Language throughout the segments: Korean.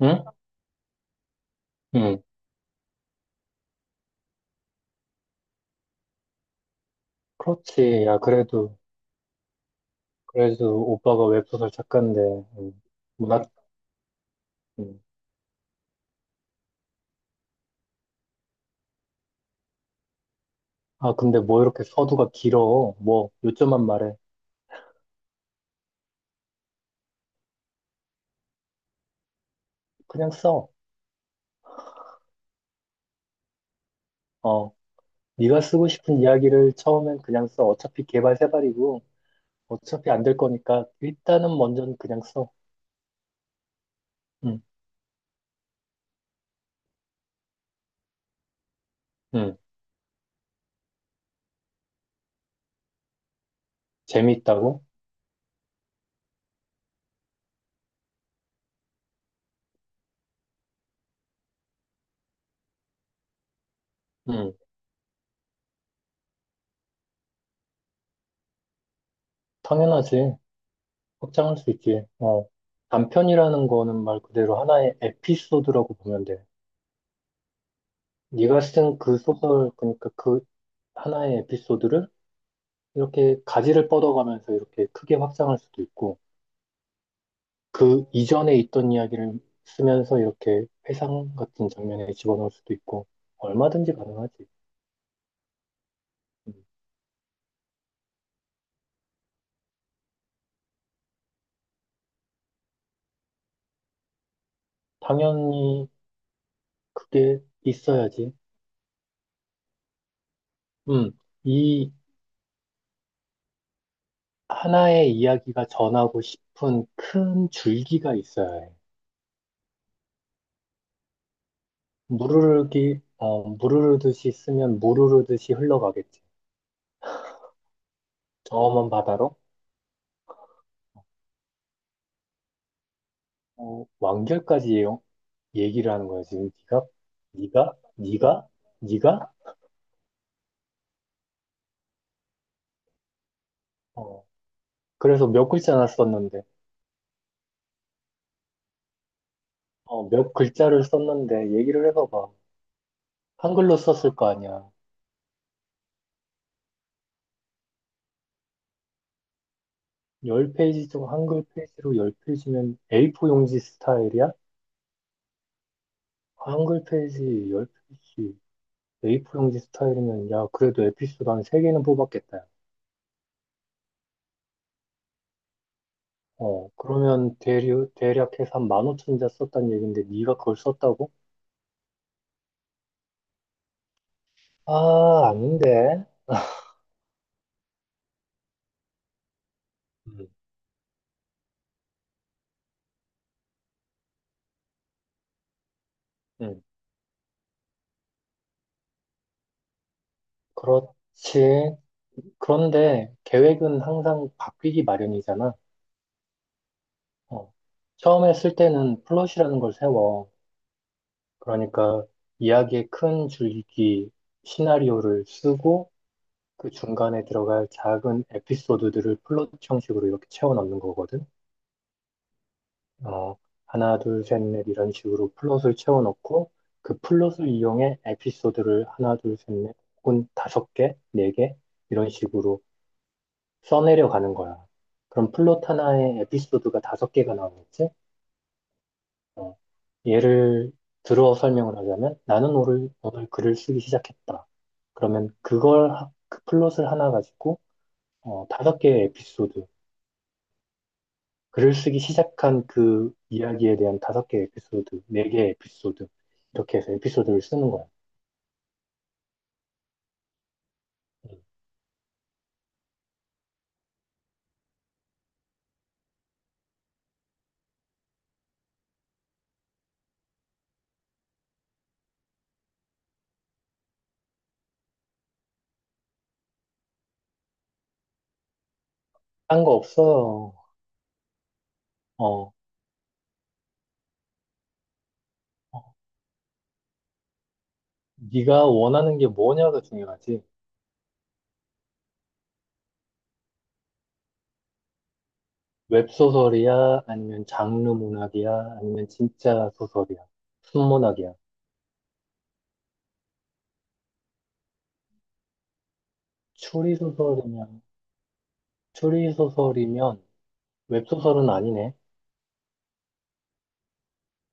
응? 응, 그렇지. 야, 그래도 오빠가 웹소설 작가인데. 음, 문학. 음. 아, 근데 뭐 이렇게 서두가 길어. 뭐, 요점만 말해. 그냥 써. 어, 네가 쓰고 싶은 이야기를 처음엔 그냥 써. 어차피 개발 세발이고, 어차피 안 될 거니까, 일단은 먼저는 그냥 써. 응, 응. 재미있다고? 응, 당연하지. 확장할 수 있지. 단편이라는 거는 말 그대로 하나의 에피소드라고 보면 돼. 네가 쓴 그 소설, 그러니까 그 하나의 에피소드를 이렇게 가지를 뻗어가면서 이렇게 크게 확장할 수도 있고, 그 이전에 있던 이야기를 쓰면서 이렇게 회상 같은 장면에 집어넣을 수도 있고, 얼마든지 가능하지. 음, 당연히 그게 있어야지. 음, 이 하나의 이야기가 전하고 싶은 큰 줄기가 있어야 해. 무르르기, 어, 무르르듯이 쓰면 무르르듯이 흘러가겠지. 저먼 바다로. 완결까지 얘기를 하는 거야, 지금. 네가? 네가? 네가? 네가? 어, 그래서 몇 글자나 썼는데. 몇 글자를 썼는데 얘기를 해봐봐. 한글로 썼을 거 아니야. 10페이지 중 한글 페이지로 10페이지면 A4 용지 스타일이야? 한글 페이지 10페이지, A4 용지 스타일이면, 야, 그래도 에피소드 한 3개는 뽑았겠다. 그러면 대략 해서 한 15,000자 썼단 얘긴데, 네가 그걸 썼다고? 아, 아닌데. 음, 그렇지. 그런데 계획은 항상 바뀌기 마련이잖아. 어, 처음에 쓸 때는 플롯이라는 걸 세워. 그러니까 이야기의 큰 줄기 시나리오를 쓰고 그 중간에 들어갈 작은 에피소드들을 플롯 형식으로 이렇게 채워 넣는 거거든. 어, 하나, 둘, 셋, 넷 이런 식으로 플롯을 채워 넣고 그 플롯을 이용해 에피소드를 하나, 둘, 셋, 넷 혹은 다섯 개, 네 개 이런 식으로 써내려가는 거야. 그럼 플롯 하나에 에피소드가 다섯 개가 나오겠지? 어, 예를 들어 설명을 하자면 나는 오늘 글을 쓰기 시작했다. 그러면 그 플롯을 하나 가지고 다섯 개의 에피소드, 글을 쓰기 시작한 그 이야기에 대한 다섯 개의 에피소드, 네 개의 에피소드 이렇게 해서 에피소드를 쓰는 거야. 음. 딴거 없어요. 어, 어, 네가 원하는 게 뭐냐가 중요하지. 웹소설이야? 아니면 장르 문학이야? 아니면 진짜 소설이야? 순문학이야? 추리소설이면, 추리소설이면 웹소설은 아니네.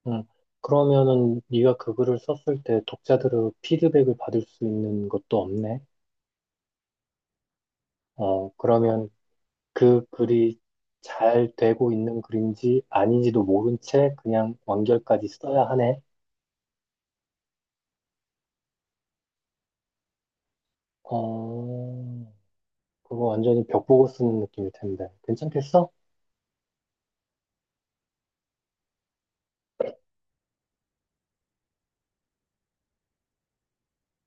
응. 그러면은 네가 그 글을 썼을 때 독자들의 피드백을 받을 수 있는 것도 없네. 그러면 그 글이 잘 되고 있는 글인지 아닌지도 모른 채 그냥 완결까지 써야 하네. 어, 그거 완전히 벽 보고 쓰는 느낌일 텐데. 괜찮겠어?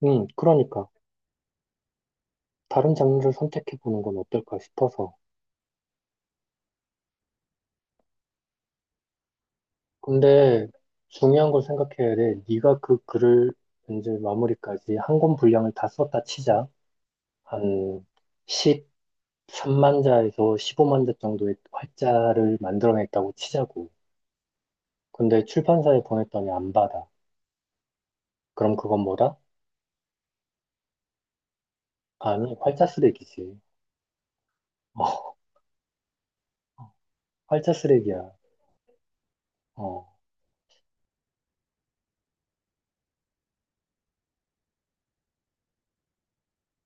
응, 그러니까. 다른 장르를 선택해보는 건 어떨까 싶어서. 근데 중요한 걸 생각해야 돼. 네가 그 글을 이제 마무리까지 한 권 분량을 다 썼다 치자. 한 13만 자에서 15만 자 정도의 활자를 만들어냈다고 치자고. 근데 출판사에 보냈더니 안 받아. 그럼 그건 뭐다? 아니, 활자 쓰레기지. 활자 쓰레기야. 어,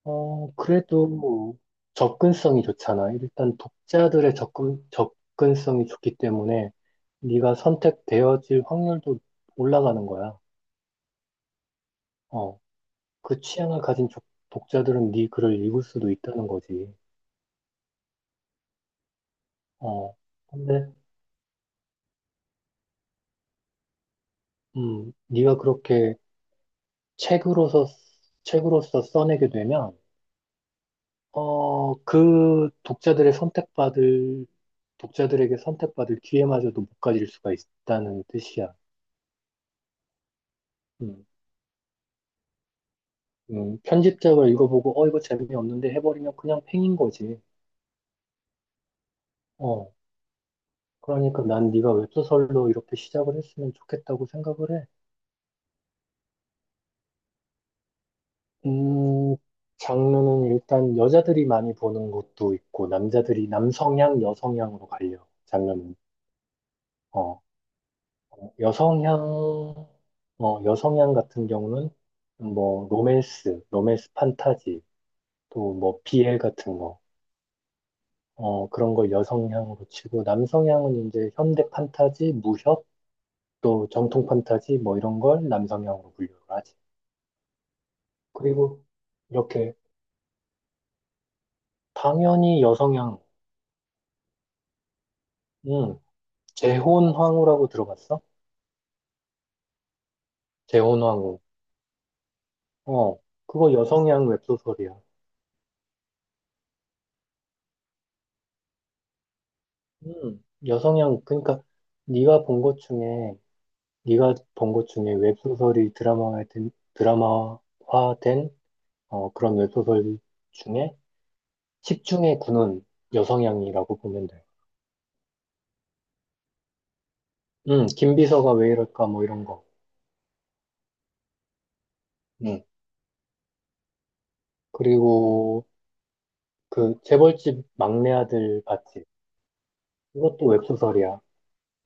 그래도 접근성이 좋잖아. 일단 독자들의 접근성이 좋기 때문에 네가 선택되어질 확률도 올라가는 거야. 어, 그 취향을 가진 독자들은 네 글을 읽을 수도 있다는 거지. 어, 근데 네가 그렇게 책으로서 책으로서 써내게 되면 그 독자들의 선택받을 독자들에게 선택받을 기회마저도 못 가질 수가 있다는 뜻이야. 음. 편집작을 읽어보고 이거 재미없는데 해버리면 그냥 팽인 거지. 어, 그러니까 난 네가 웹소설로 이렇게 시작을 했으면 좋겠다고 생각을 해. 음, 장르는 일단 여자들이 많이 보는 것도 있고 남자들이 남성향, 여성향으로 갈려. 장르는 어, 어, 여성향, 여성향 같은 경우는 뭐 로맨스, 로맨스 판타지, 또 뭐 비엘 같은 거. 그런 걸 여성향으로 치고, 남성향은 이제 현대 판타지, 무협, 또 정통 판타지 뭐 이런 걸 남성향으로 분류를 하지. 그리고 이렇게 당연히 여성향, 음, 재혼황후라고 들어봤어? 재혼황후. 어, 그거 여성향 웹소설이야. 여성향 그러니까 네가 본 것 중에 네가 본 것 중에 웹소설이 드라마화된 그런 웹소설 중에 십 중에 구는 여성향이라고 보면 돼. 김비서가 왜 이럴까 뭐 이런 거. 음. 그리고 그 재벌집 막내 아들 봤지? 이것도 웹소설이야.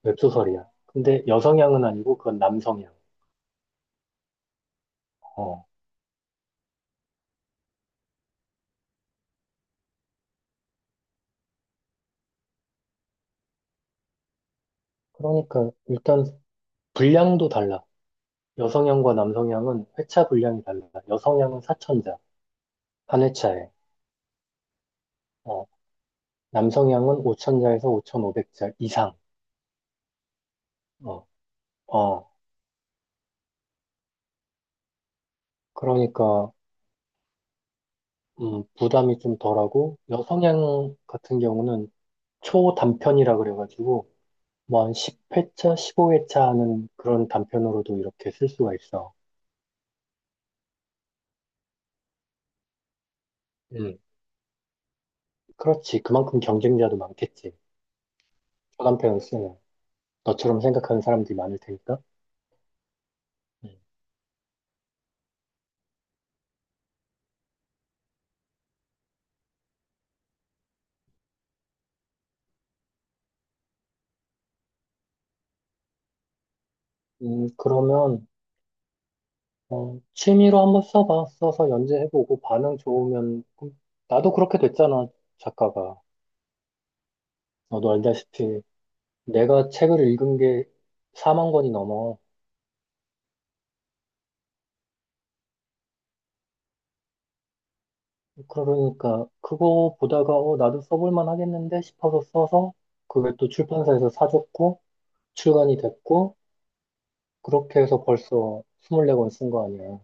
웹소설이야. 근데 여성향은 아니고 그건 남성향. 어. 그러니까 일단 분량도 달라. 여성향과 남성향은 회차 분량이 달라. 여성향은 4천자 한 회차에. 어. 남성향은 5천자에서 5,500자 이상. 어. 어. 그러니까 부담이 좀 덜하고 여성향 같은 경우는 초단편이라 그래가지고 뭐 한 10회차, 15회차 하는 그런 단편으로도 이렇게 쓸 수가 있어. 음, 그렇지. 그만큼 경쟁자도 많겠지. 초단편을 쓰면. 너처럼 생각하는 사람들이 많을 테니까. 음. 그러면, 취미로 한번 써봐. 써서 연재해보고 반응 좋으면, 그럼 나도 그렇게 됐잖아, 작가가. 너도 알다시피, 내가 책을 읽은 게 4만 권이 넘어. 그러니까, 그거 보다가, 나도 써볼만 하겠는데 싶어서 써서, 그게 또 출판사에서 사줬고, 출간이 됐고, 그렇게 해서 벌써 24권 쓴 거 아니야.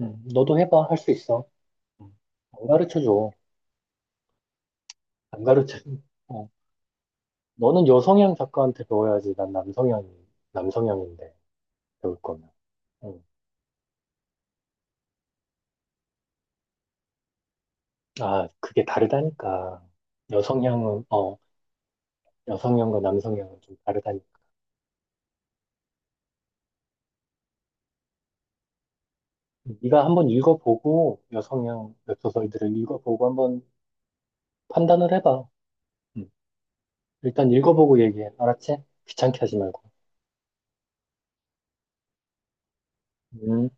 너도 해봐. 할 수 있어. 음, 안 가르쳐줘. 안 가르쳐. 어, 너는 여성향 작가한테 배워야지. 난 남성향인데, 배울 거면. 음. 아, 그게 다르다니까. 여성향은, 어, 여성향과 남성향은 좀 다르다니까. 네가 한번 읽어보고, 여성향 웹소설들을 읽어보고 한번 판단을 해봐. 음. 일단 읽어보고 얘기해. 알았지? 귀찮게 하지 말고. 음.